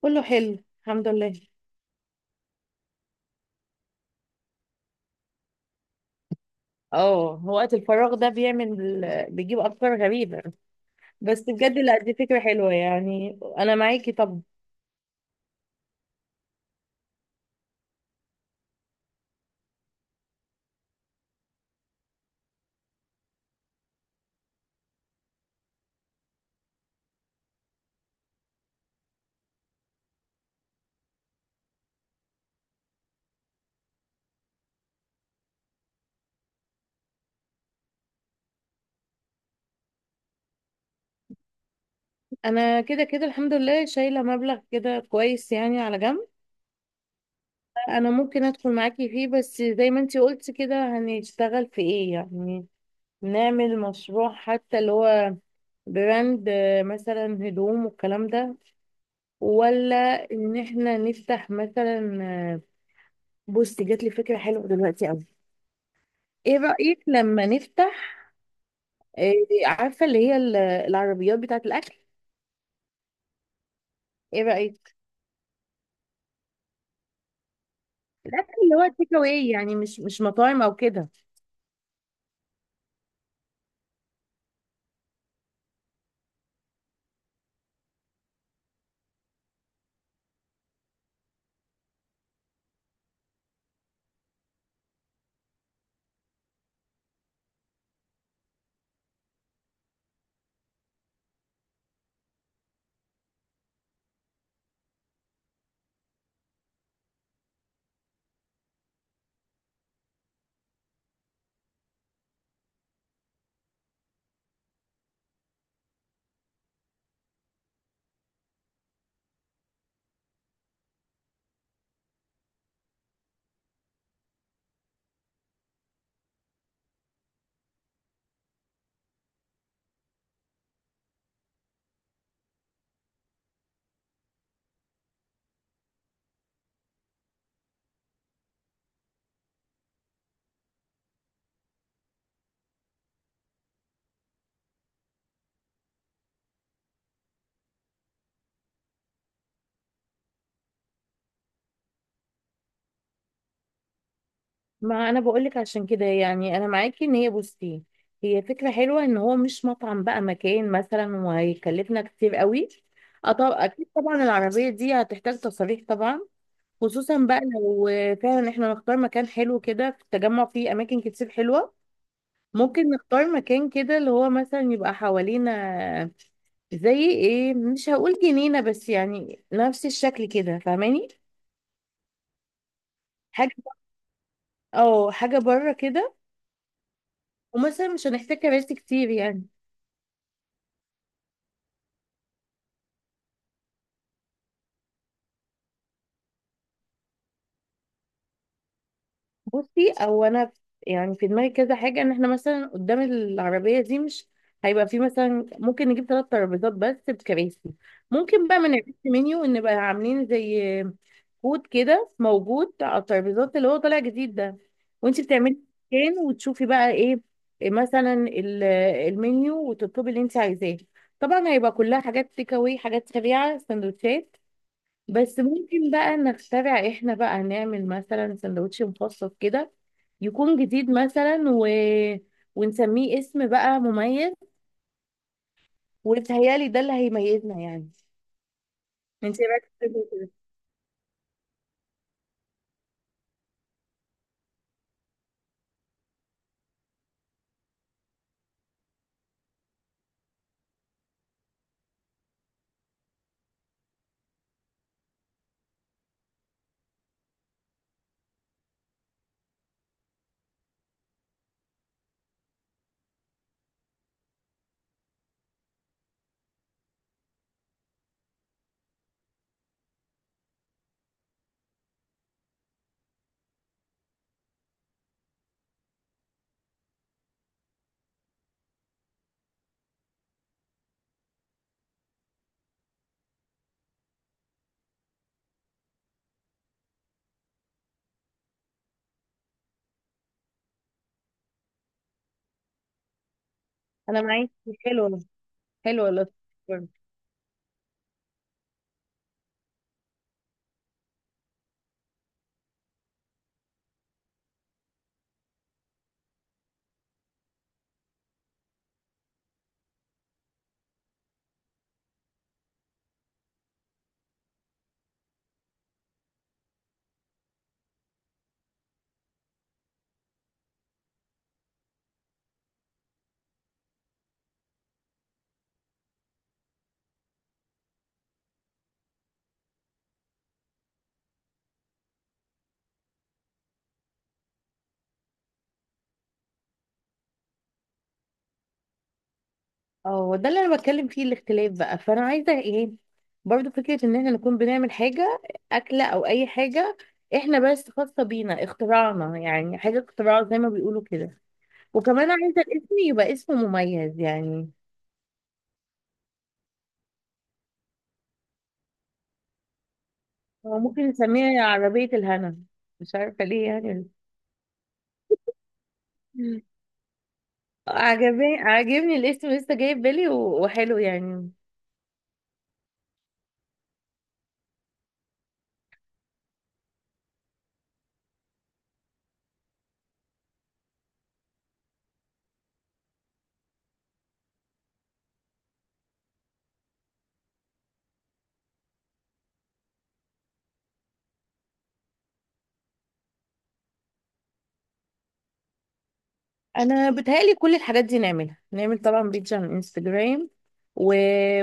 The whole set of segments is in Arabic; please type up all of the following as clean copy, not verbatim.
كله حلو الحمد لله. اه وقت الفراغ ده بيعمل بيجيب افكار غريبه. بس بجد لا، دي فكره حلوه، يعني انا معاكي. طب انا كده كده الحمد لله شايله مبلغ كده كويس يعني على جنب. انا ممكن ادخل معاكي فيه، بس زي ما انتي قلتي كده هنشتغل في ايه يعني؟ نعمل مشروع حتى اللي هو براند، مثلا هدوم والكلام ده، ولا ان احنا نفتح مثلا؟ بصي، جات لي فكره حلوه دلوقتي قوي. ايه رأيك لما نفتح؟ آه، عارفة اللي هي العربيات بتاعة الأكل؟ ايه رأيك؟ الأكل اللي هو التيك اواي، يعني مش مطاعم أو كده. ما أنا بقولك عشان كده، يعني أنا معاكي. إن هي بصي، هي فكرة حلوة إن هو مش مطعم بقى، مكان مثلا، وهيكلفنا كتير قوي. أه، طب أكيد طبعا العربية دي هتحتاج تصاريح طبعا، خصوصا بقى لو فعلا احنا نختار مكان حلو كده. في التجمع فيه أماكن كتير حلوة. ممكن نختار مكان كده اللي هو مثلا يبقى حوالينا زي ايه، مش هقول جنينة بس يعني نفس الشكل كده، فاهماني؟ حاجة، اه، حاجة بره كده. ومثلا مش هنحتاج كراسي كتير يعني. بصي، يعني في دماغي كذا حاجه. ان احنا مثلا قدام العربيه دي مش هيبقى في، مثلا ممكن نجيب ثلاث ترابيزات بس بكراسي. ممكن بقى من الريست منيو ان نبقى عاملين زي كود كده موجود على الترابيزات اللي هو طالع جديد ده، وانت بتعملي سكان وتشوفي بقى ايه مثلا المنيو، وتطلبي اللي انت عايزاه. طبعا هيبقى كلها حاجات تيك اواي، حاجات سريعه، سندوتشات. بس ممكن بقى نخترع احنا، بقى نعمل مثلا سندوتش مخصص كده يكون جديد مثلا، ونسميه اسم بقى مميز، وبيتهيألي ده اللي هيميزنا يعني. انت إيه رايك في الفكرة كده؟ انا معاك. حلو والله. حلو والله. اه، ده اللي انا بتكلم فيه، الاختلاف بقى. فانا عايزه ايه، برضو فكره ان احنا نكون بنعمل حاجه، اكله او اي حاجه، احنا بس خاصه بينا، اختراعنا يعني، حاجه اختراع زي ما بيقولوا كده. وكمان عايزة الاسم يبقى اسم مميز يعني. هو ممكن نسميها عربية الهنا، مش عارفة ليه يعني. مم. عجبني، عاجبني الاسم، لسه جاي في بالي، وحلو يعني. انا بتهيألي كل الحاجات دي نعملها. نعمل طبعا بيج على الانستجرام، و...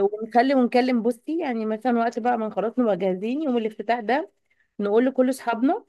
ونخلي ونكلم بوستي يعني مثلا، وقت بقى ما خلاص نبقى جاهزين، يوم الافتتاح ده نقول لكل اصحابنا،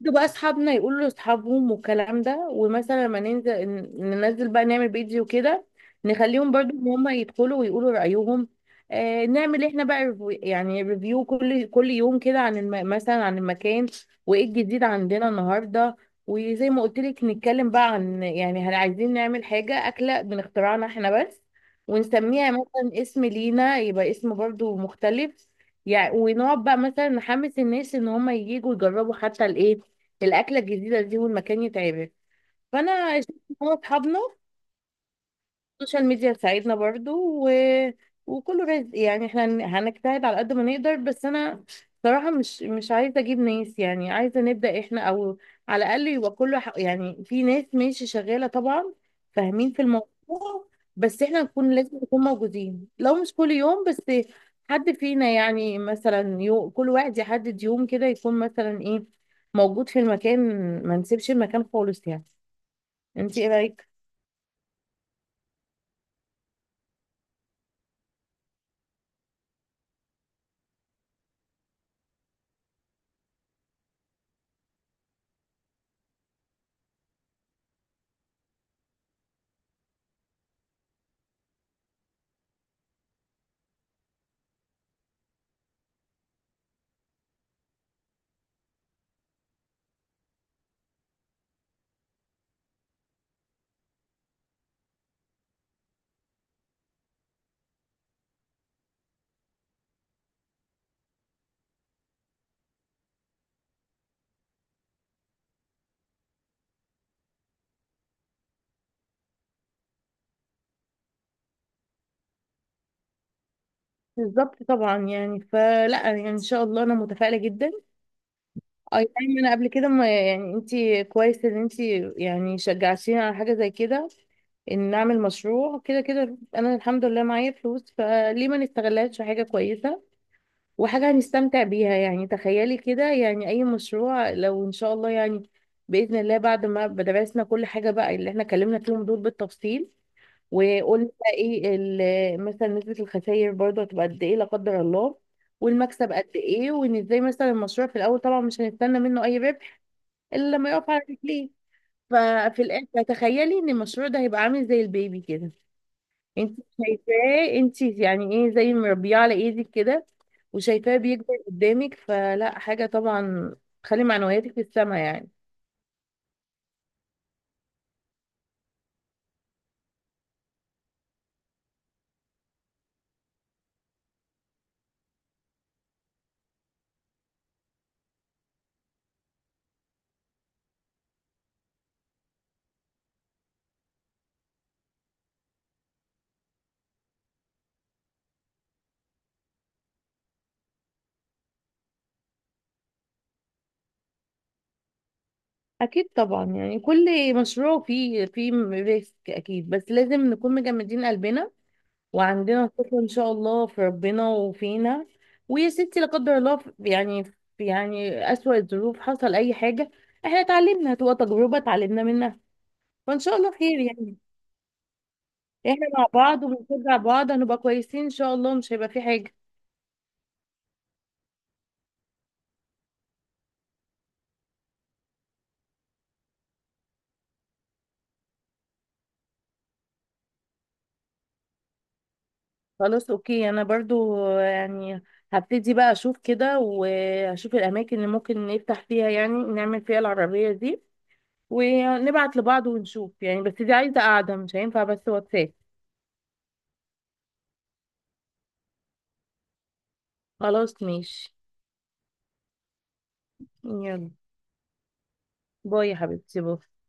ده بقى اصحابنا يقولوا لاصحابهم والكلام ده. ومثلا لما ننزل ننزل بقى نعمل فيديو كده، نخليهم برضو ان هم يدخلوا ويقولوا رأيهم. آه، نعمل احنا بقى يعني ريفيو كل يوم كده عن مثلا عن المكان، وايه الجديد عندنا النهارده. وزي ما قلت لك نتكلم بقى عن يعني هل عايزين نعمل حاجة، أكلة من اختراعنا احنا بس، ونسميها مثلا اسم لينا يبقى اسم برضو مختلف يعني. ونقعد بقى مثلا نحمس الناس ان هم ييجوا يجربوا حتى الايه، الاكله الجديده دي، والمكان يتعبك. فانا شفت إن هو اصحابنا، السوشيال ميديا تساعدنا برضو. و... وكله رزق يعني. احنا هنجتهد على قد ما نقدر، بس انا صراحة مش عايزة اجيب ناس، يعني عايزة نبدأ احنا، او على الاقل يبقى كله يعني في ناس ماشي شغالة طبعا فاهمين في الموضوع، بس احنا نكون لازم نكون موجودين. لو مش كل يوم بس حد فينا يعني، مثلا كل واحد يحدد يوم كده يكون مثلا ايه، موجود في المكان. ما نسيبش المكان خالص يعني. انت ايه رأيك؟ بالظبط طبعا يعني، فلا يعني ان شاء الله انا متفائله جدا. اي نعم، انا قبل كده ما يعني انت، كويس ان انت يعني شجعتيني على حاجه زي كده. ان نعمل مشروع كده كده انا الحمد لله معايا فلوس، فليه ما نستغلهاش في حاجه كويسه وحاجة هنستمتع بيها يعني؟ تخيلي كده يعني، أي مشروع لو إن شاء الله يعني، بإذن الله، بعد ما درسنا كل حاجة بقى اللي احنا اتكلمنا فيهم دول بالتفصيل، وقلنا بقى ايه مثلا نسبة الخسائر برضه هتبقى قد ايه لا قدر الله، والمكسب قد ايه، وان ازاي مثلا المشروع في الأول طبعا مش هنستنى منه أي ربح إلا لما يقف على رجليه. ففي الآخر تخيلي إن المشروع ده هيبقى عامل زي البيبي كده، انت شايفاه انت يعني، ايه زي مربيه على ايدك كده، وشايفاه بيكبر قدامك، فلا حاجه طبعا تخلي معنوياتك في السما يعني. اكيد طبعا يعني كل مشروع فيه ريسك اكيد، بس لازم نكون مجمدين قلبنا وعندنا ثقه ان شاء الله في ربنا وفينا. ويا ستي لا قدر الله يعني في يعني اسوأ الظروف حصل اي حاجه، احنا اتعلمنا، هتبقى تجربه اتعلمنا منها، فان شاء الله خير يعني. احنا مع بعض وبنشجع بعض هنبقى كويسين ان شاء الله، مش هيبقى في حاجة. خلاص، اوكي. انا برضو يعني هبتدي بقى اشوف كده واشوف الاماكن اللي ممكن نفتح فيها، يعني نعمل فيها العربية دي، ونبعت لبعض ونشوف يعني، بس دي عايزة قاعدة مش هينفع بس واتساب. خلاص ماشي. يلا، باي يا حبيبتي، باي.